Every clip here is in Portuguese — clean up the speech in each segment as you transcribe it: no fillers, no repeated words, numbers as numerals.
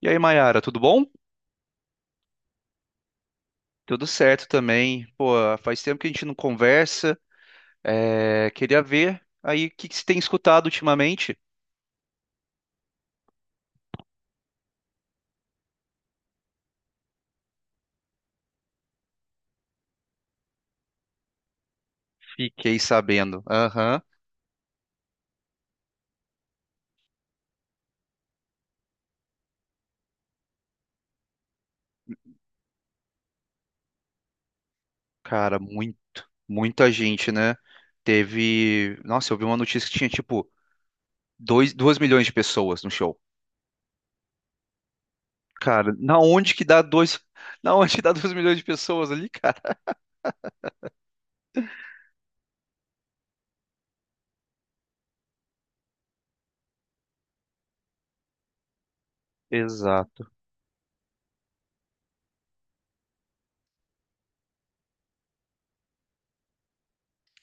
E aí, Mayara, tudo bom? Tudo certo também. Pô, faz tempo que a gente não conversa. É, queria ver aí o que que você tem escutado ultimamente. Fiquei sabendo. Aham. Cara, muita gente, né? Teve. Nossa, eu vi uma notícia que tinha tipo dois milhões de pessoas no show. Cara, na onde que dá 2? Na onde que dá 2 milhões de pessoas ali, cara? Exato.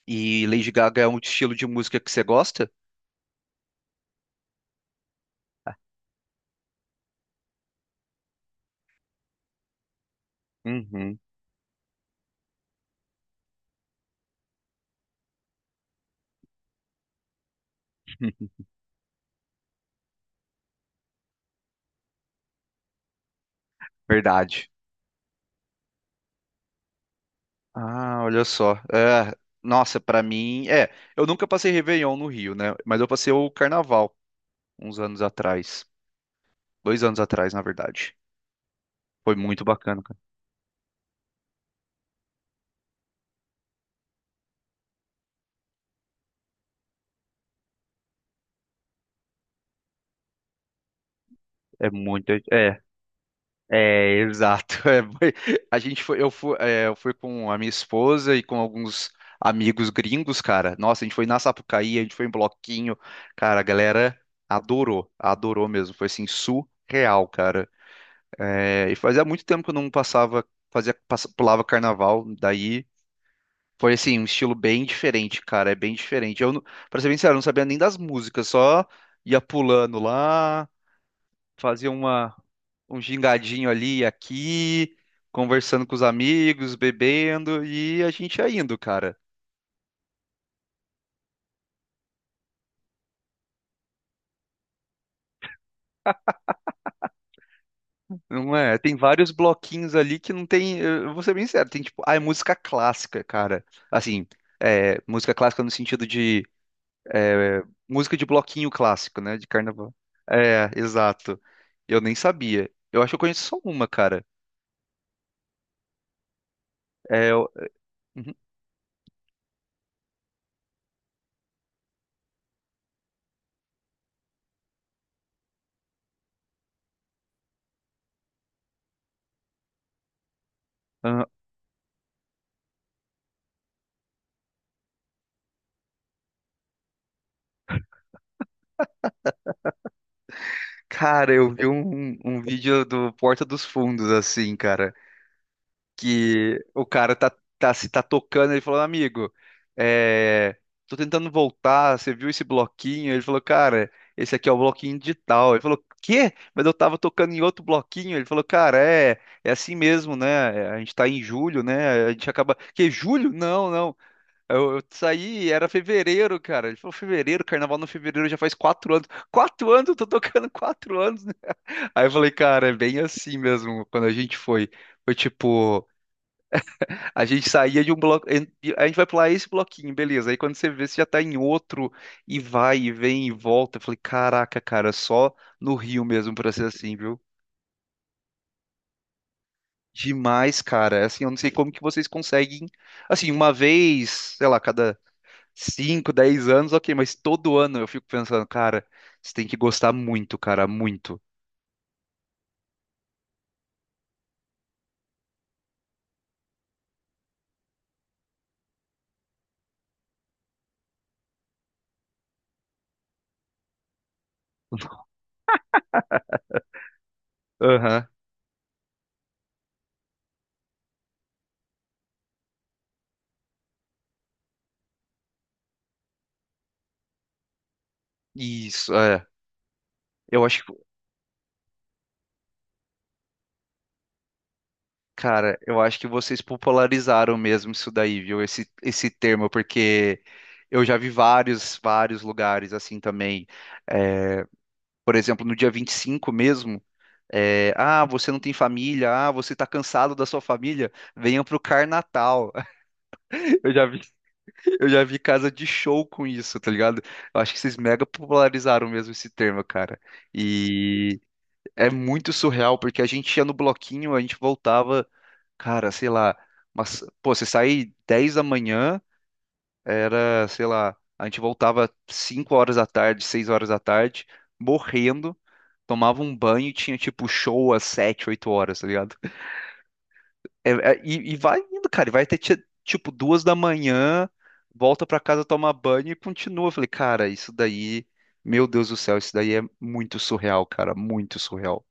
E Lady Gaga é um estilo de música que você gosta? Uhum. Verdade. Ah, olha só. É, nossa, pra mim, eu nunca passei Réveillon no Rio, né? Mas eu passei o Carnaval uns anos atrás, 2 anos atrás, na verdade. Foi muito bacana, cara. É muito, é, exato. A gente foi, eu fui com a minha esposa e com alguns amigos gringos, cara. Nossa, a gente foi na Sapucaí, a gente foi em bloquinho, cara. A galera adorou, adorou mesmo. Foi assim surreal, cara. É, e fazia muito tempo que eu não passava, pulava carnaval, daí foi assim, um estilo bem diferente, cara, é bem diferente. Eu, não- Pra ser bem sincero, eu não sabia nem das músicas, só ia pulando lá, fazia uma, um gingadinho ali e aqui, conversando com os amigos, bebendo, e a gente ia indo, cara. Não é, tem vários bloquinhos ali que não tem, eu vou ser bem sincero, tem tipo, ah, é música clássica, cara. Assim, é, música clássica no sentido de É, música de bloquinho clássico, né? De carnaval. É, exato. Eu nem sabia. Eu acho que eu conheço só uma, cara. É, eu- Uhum. Ah, cara, eu vi um vídeo do Porta dos Fundos, assim, cara. Que o cara tá, tá se tá tocando, ele falou, amigo, é, tô tentando voltar, você viu esse bloquinho? Ele falou, cara, esse aqui é o bloquinho digital. Ele falou, quê? Mas eu tava tocando em outro bloquinho. Ele falou, cara, é, é assim mesmo, né? É, a gente tá em julho, né? A gente acaba. Que, julho? Não, não. Eu saí, era fevereiro, cara. Ele falou, fevereiro, carnaval no fevereiro já faz 4 anos. 4 anos, eu tô tocando 4 anos. Né? Aí eu falei, cara, é bem assim mesmo, quando a gente foi. Foi tipo. A gente saía de um bloco. A gente vai pular esse bloquinho, beleza. Aí quando você vê, você já tá em outro e vai e vem e volta. Eu falei, caraca, cara, só no Rio mesmo pra ser assim, viu? Demais, cara. É assim, eu não sei como que vocês conseguem. Assim, uma vez, sei lá, cada 5, 10 anos, ok, mas todo ano eu fico pensando, cara, você tem que gostar muito, cara, muito. Aham. Isso, é. Eu acho cara, eu acho que vocês popularizaram mesmo isso daí, viu? Esse termo, porque eu já vi vários, vários lugares assim também. É, por exemplo, no dia 25, mesmo, é, ah, você não tem família, ah, você tá cansado da sua família, venha pro Carnatal. Eu já vi, eu já vi casa de show com isso, tá ligado? Eu acho que vocês mega popularizaram mesmo esse termo, cara. É muito surreal, porque a gente ia no bloquinho, a gente voltava, cara, sei lá, mas, pô, você sair 10 da manhã, era, sei lá, a gente voltava 5 horas da tarde, 6 horas da tarde, morrendo, tomava um banho e tinha, tipo, show às 7, 8 horas, tá ligado? E, vai indo, cara, e vai até, tipo, 2 da manhã, volta pra casa tomar banho e continua. Eu falei, cara, isso daí, meu Deus do céu, isso daí é muito surreal, cara, muito surreal.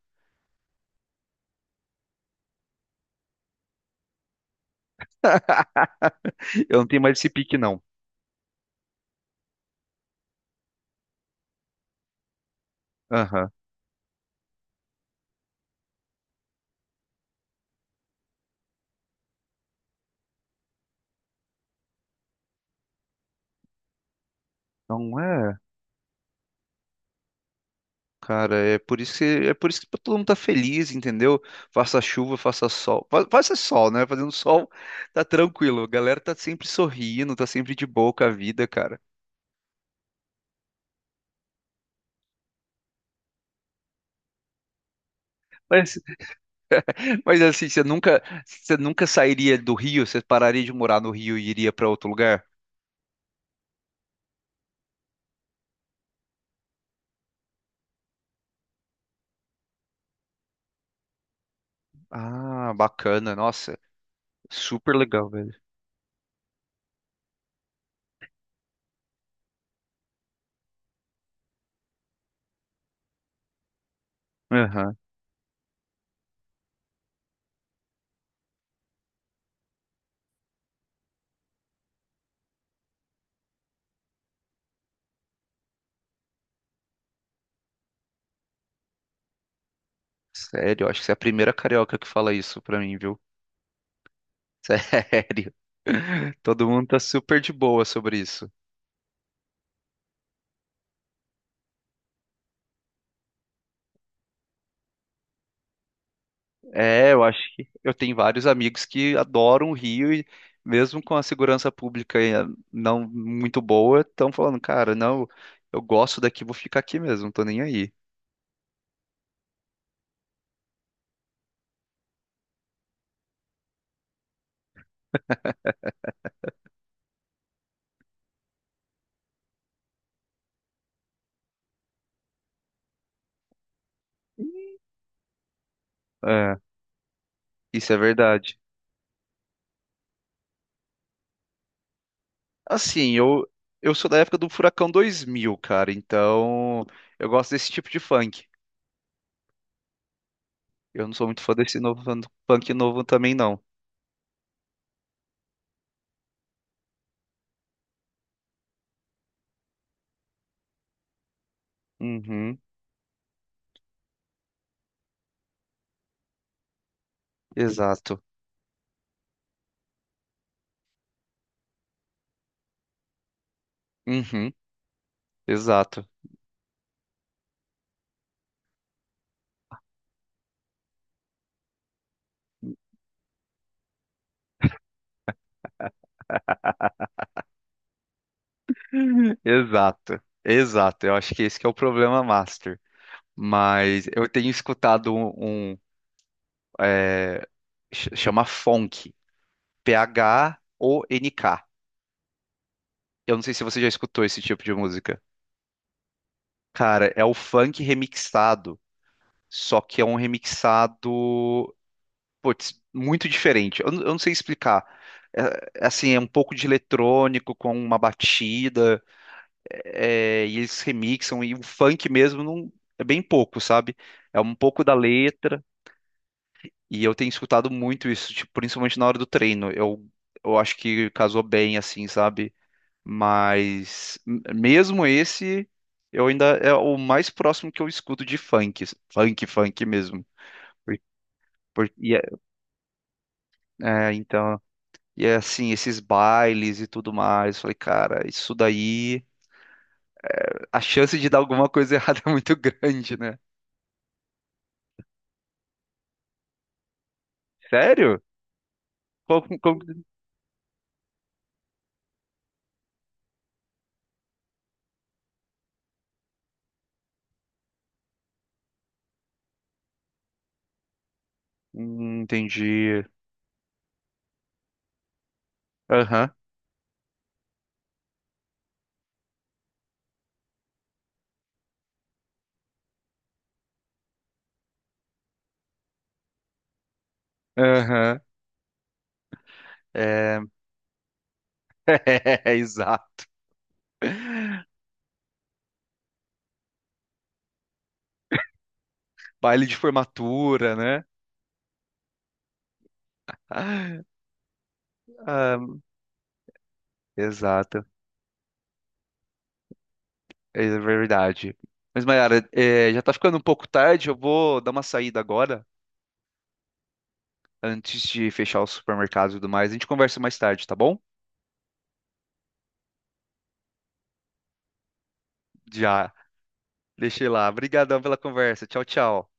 Eu não tenho mais esse pique, não. Aham. Não é, cara, é por isso que tá todo mundo tá feliz, entendeu? Faça chuva, faça sol. Faça sol, né? Fazendo sol, tá tranquilo. A galera tá sempre sorrindo, tá sempre de boa com a vida, cara. Mas, mas assim, você nunca sairia do Rio, você pararia de morar no Rio e iria pra outro lugar? Ah, bacana, nossa, super legal, velho. Aham. Sério, acho que você é a primeira carioca que fala isso pra mim, viu? Sério. Todo mundo tá super de boa sobre isso. É, eu acho que eu tenho vários amigos que adoram o Rio e mesmo com a segurança pública não muito boa, estão falando, cara, não, eu gosto daqui, vou ficar aqui mesmo, não tô nem aí. É, isso é verdade. Assim, eu sou da época do Furacão 2000, cara, então eu gosto desse tipo de funk. Eu não sou muito fã desse novo funk novo também não. Uhum, exato. Uhum, exato. Exato. Exato. Eu acho que esse que é o problema master. Mas eu tenho escutado um, é, chama funk, PHONK. Eu não sei se você já escutou esse tipo de música. Cara, é o funk remixado, só que é um remixado, putz, muito diferente. Eu não sei explicar. É, é assim, é um pouco de eletrônico com uma batida, é, e eles remixam, e o funk mesmo não, é bem pouco, sabe? É um pouco da letra. E eu tenho escutado muito isso, tipo, principalmente na hora do treino. Eu acho que casou bem, assim, sabe? Mas mesmo esse, eu ainda é o mais próximo que eu escuto de funk, funk mesmo. Por- e é, é, então, e é assim, esses bailes e tudo mais. Falei, cara, isso daí, a chance de dar alguma coisa errada é muito grande, né? Sério? Qual- como- entendi. Aham, aham. É, é, exato. Baile de formatura, né? Ah, ah, exato, é verdade. Mas, Mayara, é, já tá ficando um pouco tarde, eu vou dar uma saída agora, antes de fechar o supermercado e tudo mais. A gente conversa mais tarde, tá bom? Já, deixei lá. Obrigadão pela conversa. Tchau, tchau.